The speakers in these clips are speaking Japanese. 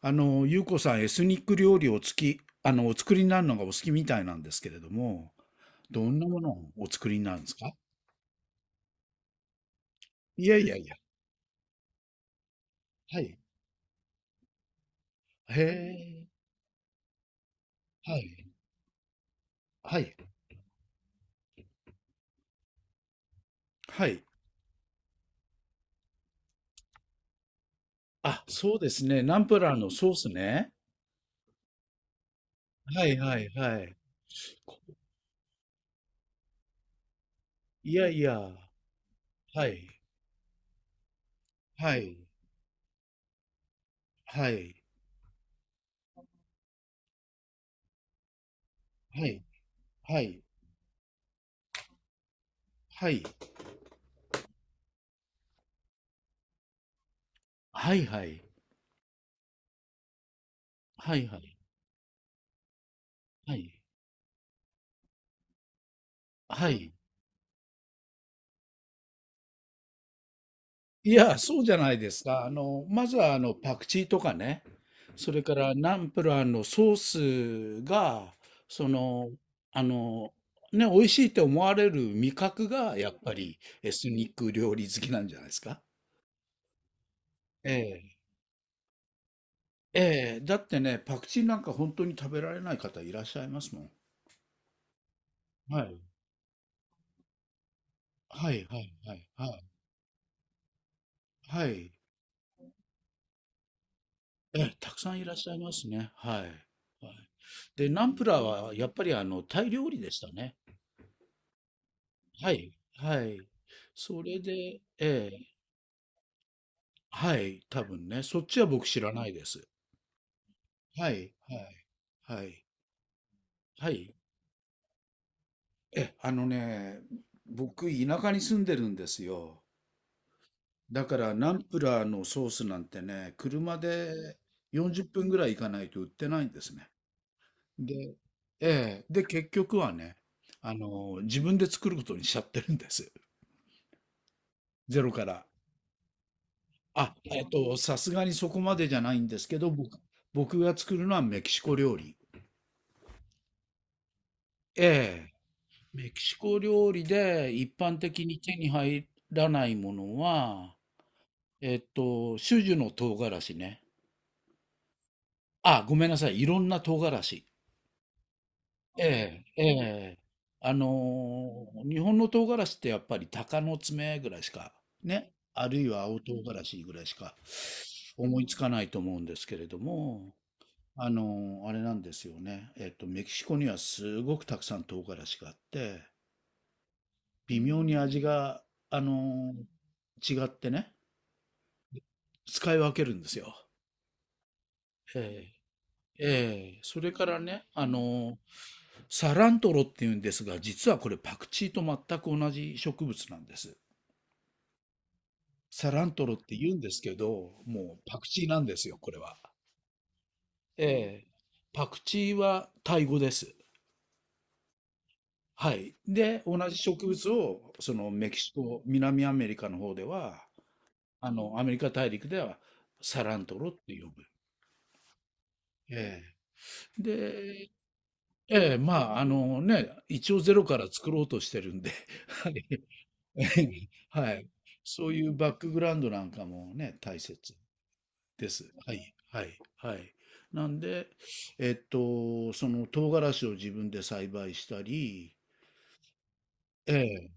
ゆうこさん、エスニック料理をつき、あの、お作りになるのがお好きみたいなんですけれども、どんなものをお作りになるんですか？いやいやいや、はい。へえ、はい、はい。はい。あ、そうですね。ナンプラーのソースね。はいはいはい。いやいや、はい、はい、はい、はい、はい、はい、はい、はい、はい、はい、はい、はい。いや、そうじゃないですか。まずはパクチーとかね、それからナンプラーのソースが、その、あの、ね、美味しいって思われる味覚が、やっぱりエスニック料理好きなんじゃないですか？ええ、ええ、だってね、パクチーなんか本当に食べられない方いらっしゃいますもん。はい、はい、はい、はい、はい、はい。ええ、たくさんいらっしゃいますね。はい。はい。で、ナンプラーはやっぱりあのタイ料理でしたね。はい、はい。それで、ええ、はい、多分ね、そっちは僕知らないです。はい、はい、はい、はい。え、あのね、僕、田舎に住んでるんですよ。だから、ナンプラーのソースなんてね、車で40分ぐらい行かないと売ってないんですね。で、ええ、で、結局はね、自分で作ることにしちゃってるんです。ゼロから。さすがにそこまでじゃないんですけど、僕が作るのはメキシコ料理。ええ、メキシコ料理で一般的に手に入らないものは、種々の唐辛子ね。あ、ごめんなさい、いろんな唐辛子。ええ、ええ。日本の唐辛子ってやっぱり鷹の爪ぐらいしか、ね、あるいは青唐辛子ぐらいしか思いつかないと思うんですけれども、あの、あれなんですよね。えっと、メキシコにはすごくたくさん唐辛子があって、微妙に味が、あの、違ってね、使い分けるんですよ。ええ、ええ、それからね、サラントロっていうんですが、実はこれパクチーと全く同じ植物なんです。サラントロって言うんですけど、もうパクチーなんですよ、これは。ええ、パクチーはタイ語です。はい。で、同じ植物を、そのメキシコ、南アメリカの方では、アメリカ大陸ではサラントロって呼ぶ。ええ。で、ええ、まあ、あのね、一応ゼロから作ろうとしてるんで、はい。はい。そういうバックグラウンドなんかもね、大切です。はい。はい。はい。なんで、その唐辛子を自分で栽培したり、ええ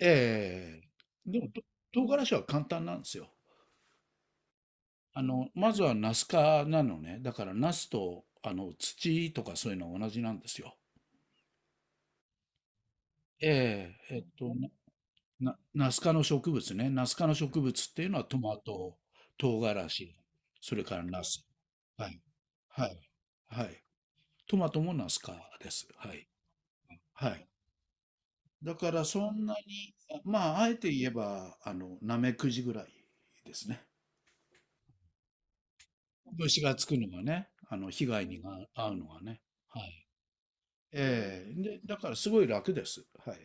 ええ、でも、唐辛子は簡単なんですよ。まずはナス科なのね。だからナスと、土とかそういうのは同じなんですよ。ええ、ナス科の植物ね。ナス科の植物っていうのはトマト、唐辛子、それからナス。はい。はい。はい。トマトもナス科です。はい。はい。だからそんなに、まあ、あえて言えば、ナメクジぐらいですね。虫がつくのがね、被害にが遭うのがね。はい。ええ。で、だからすごい楽です。はい。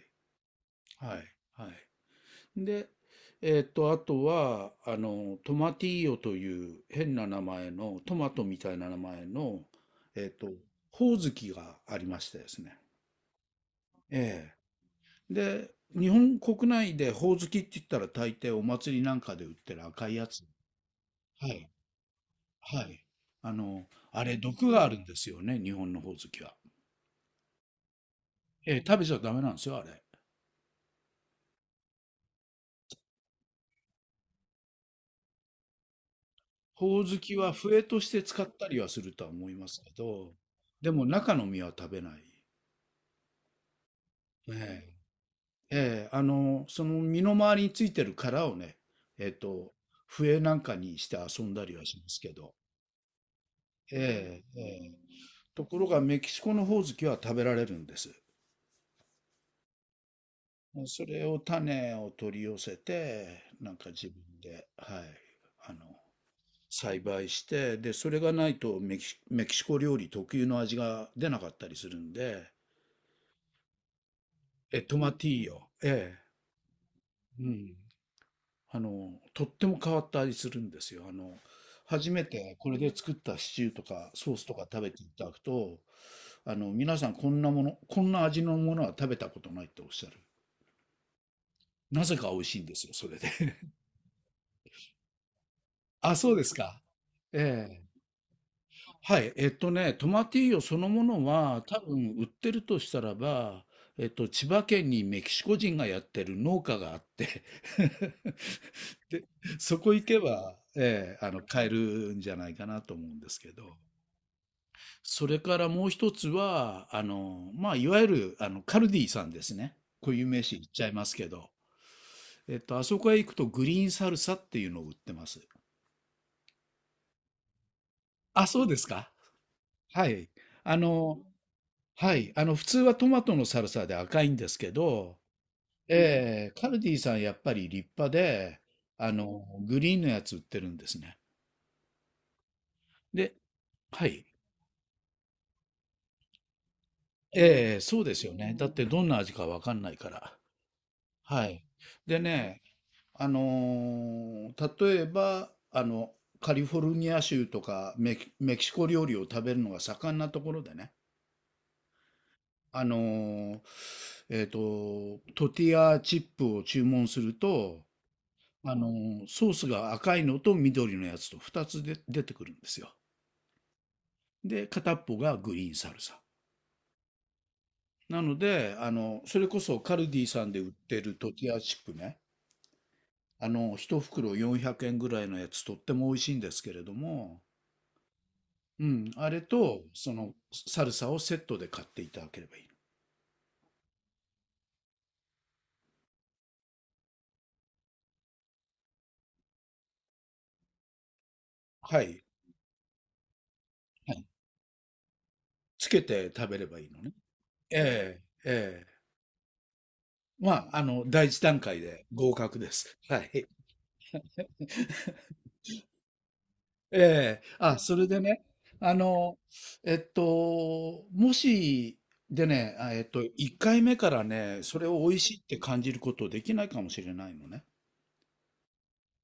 はい。はい。で、えーっと、あとは、あの、トマティーヨという変な名前の、トマトみたいな名前の、えーっと、ホオズキがありましてですね。ええ。で、日本国内でホオズキって言ったら大抵お祭りなんかで売ってる赤いやつ。はい。はい。あの、あれ毒があるんですよね、日本のホオズキは。ええ、食べちゃダメなんですよ、あれ。ほおずきは笛として使ったりはするとは思いますけど、でも中の実は食べない。ええ、ええ、その身の周りについてる殻をね、えっと、笛なんかにして遊んだりはしますけど、ええ、ええ。ところがメキシコのほおずきは食べられるんです。それを種を取り寄せて、なんか自分で、はい、あの、栽培して、で、それがないとメキシコ料理特有の味が出なかったりするんで、え、トマティーヨ。ええ、うん。え、とっても変わった味するんですよ。初めてこれで作ったシチューとかソースとか食べていただくと、皆さんこんなもの、こんな味のものは食べたことないっておっしゃる。なぜか美味しいんですよ、それで。あ、そうですか。ええ。はい、えっとね、トマティーヨそのものは、多分売ってるとしたらば、千葉県にメキシコ人がやってる農家があって で、そこ行けば、ええ、あの、買えるんじゃないかなと思うんですけど、それからもう一つは、あの、まあ、いわゆる、あの、カルディさんですね。固有名詞言っちゃいますけど、あそこへ行くとグリーンサルサっていうのを売ってます。あ、そうですか。はい。あの、はい、あの普通はトマトのサルサで赤いんですけど、うん。えー、カルディさんやっぱり立派で、あのグリーンのやつ売ってるんですね。で、はい、えー、そうですよね。だってどんな味かわかんないから。はい。でね、例えばカリフォルニア州とかメキシコ料理を食べるのが盛んなところでね、あのートティアチップを注文すると、あのソースが赤いのと緑のやつと2つで出てくるんですよ。で、片っぽがグリーンサルサ。なので、それこそカルディさんで売ってるトティアチップね。一袋400円ぐらいのやつとっても美味しいんですけれども、うん、あれと、その、サルサをセットで買っていただければいいの。はい。はい。つけて食べればいいのね。ええ、ええ。まあ、第一段階で合格です。はい。ええ、あ、それでね、あの、えっと、もし、でね、1回目からね、それを美味しいって感じることできないかもしれないのね。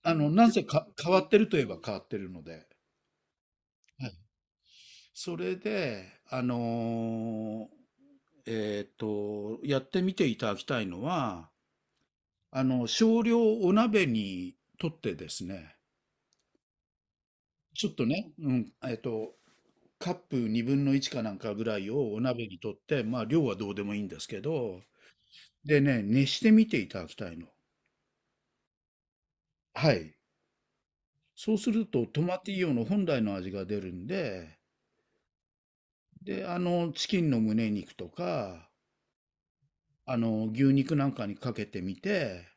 なんせか変わってるといえば変わってるので。はい。それで、やってみていただきたいのは、少量お鍋にとってですね、ちょっとね、うん、カップ2分の1かなんかぐらいをお鍋にとって、まあ量はどうでもいいんですけど、でね、熱してみていただきたいの。はい。そうするとトマティーヨの本来の味が出るんで、で、チキンの胸肉とか、牛肉なんかにかけてみて、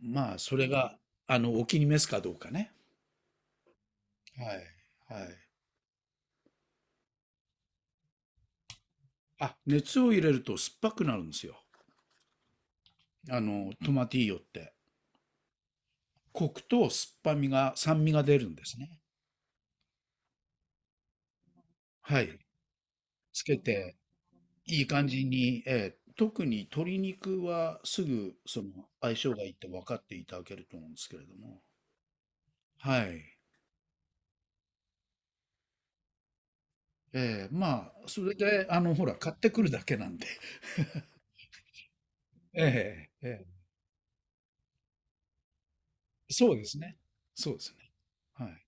まあ、それが、お気に召すかどうかね。はい。はい。あ、熱を入れると酸っぱくなるんですよ。トマティーヨって。コクと酸っぱみが、酸味が出るんですね。はい。つけて、いい感じに、ええ、特に鶏肉はすぐその相性がいいって分かっていただけると思うんですけれども。はい。ええ、まあ、それで、ほら、買ってくるだけなんで。ええ、えそうですね。そうですね。はい。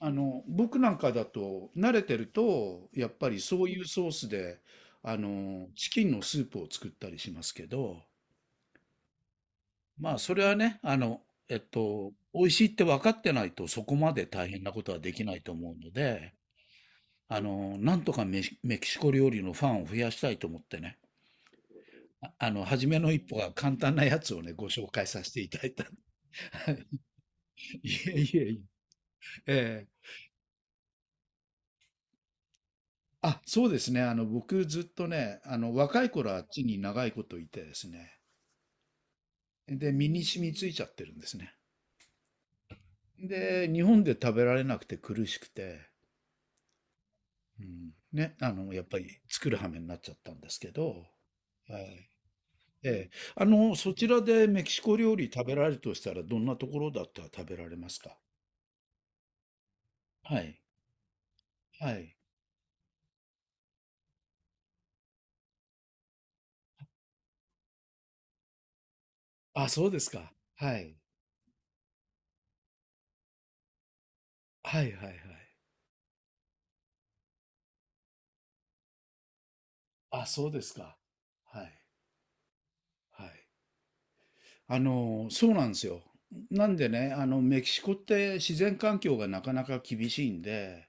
僕なんかだと、慣れてると、やっぱりそういうソースで、チキンのスープを作ったりしますけど、まあ、それはね、美味しいって分かってないとそこまで大変なことはできないと思うので、なんとかメキシコ料理のファンを増やしたいと思ってね、初めの一歩が簡単なやつをね、ご紹介させていただいた。いえいえいえ。ええ、あ、そうですね。僕ずっとね、若い頃はあっちに長いこといてですね。で、身に染みついちゃってるんですね。で、日本で食べられなくて苦しくて、うんね、やっぱり作る羽目になっちゃったんですけど、はい。ええ。そちらでメキシコ料理食べられるとしたら、どんなところだったら食べられますか？はい。はい。あ、そうですか。はい。はいはいはい。あ、そうですか。はい。はい。そうなんですよ。なんでね、メキシコって自然環境がなかなか厳しいんで、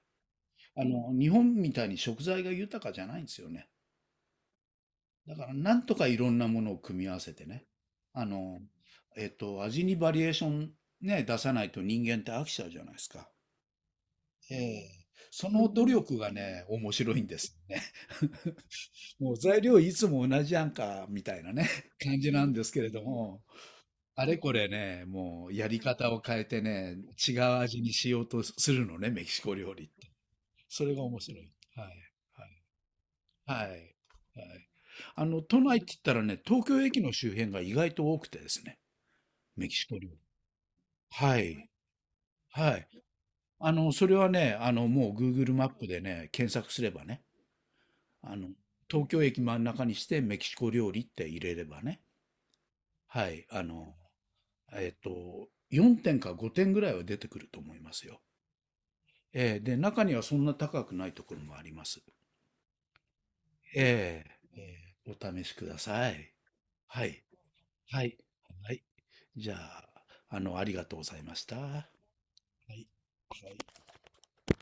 日本みたいに食材が豊かじゃないんですよね。だからなんとかいろんなものを組み合わせてね、あの、味にバリエーションね、出さないと人間って飽きちゃうじゃないですか。ええ。その努力がね、面白いんですよね。もう材料いつも同じやんか、みたいなね、感じなんですけれども、あれこれね、もうやり方を変えてね、違う味にしようとするのね、メキシコ料理って。それが面白い。はい。はいはい。はい。都内って言ったらね、東京駅の周辺が意外と多くてですね、メキシコ料理。はい。はい。それはね、もう Google マップでね、検索すればね、あの、東京駅真ん中にしてメキシコ料理って入れればね、はい、えっと、4点か5点ぐらいは出てくると思いますよ。えーで、中にはそんな高くないところもあります。えーえお試しください。はい。はい。はい。じゃあ、ありがとうございました。はい。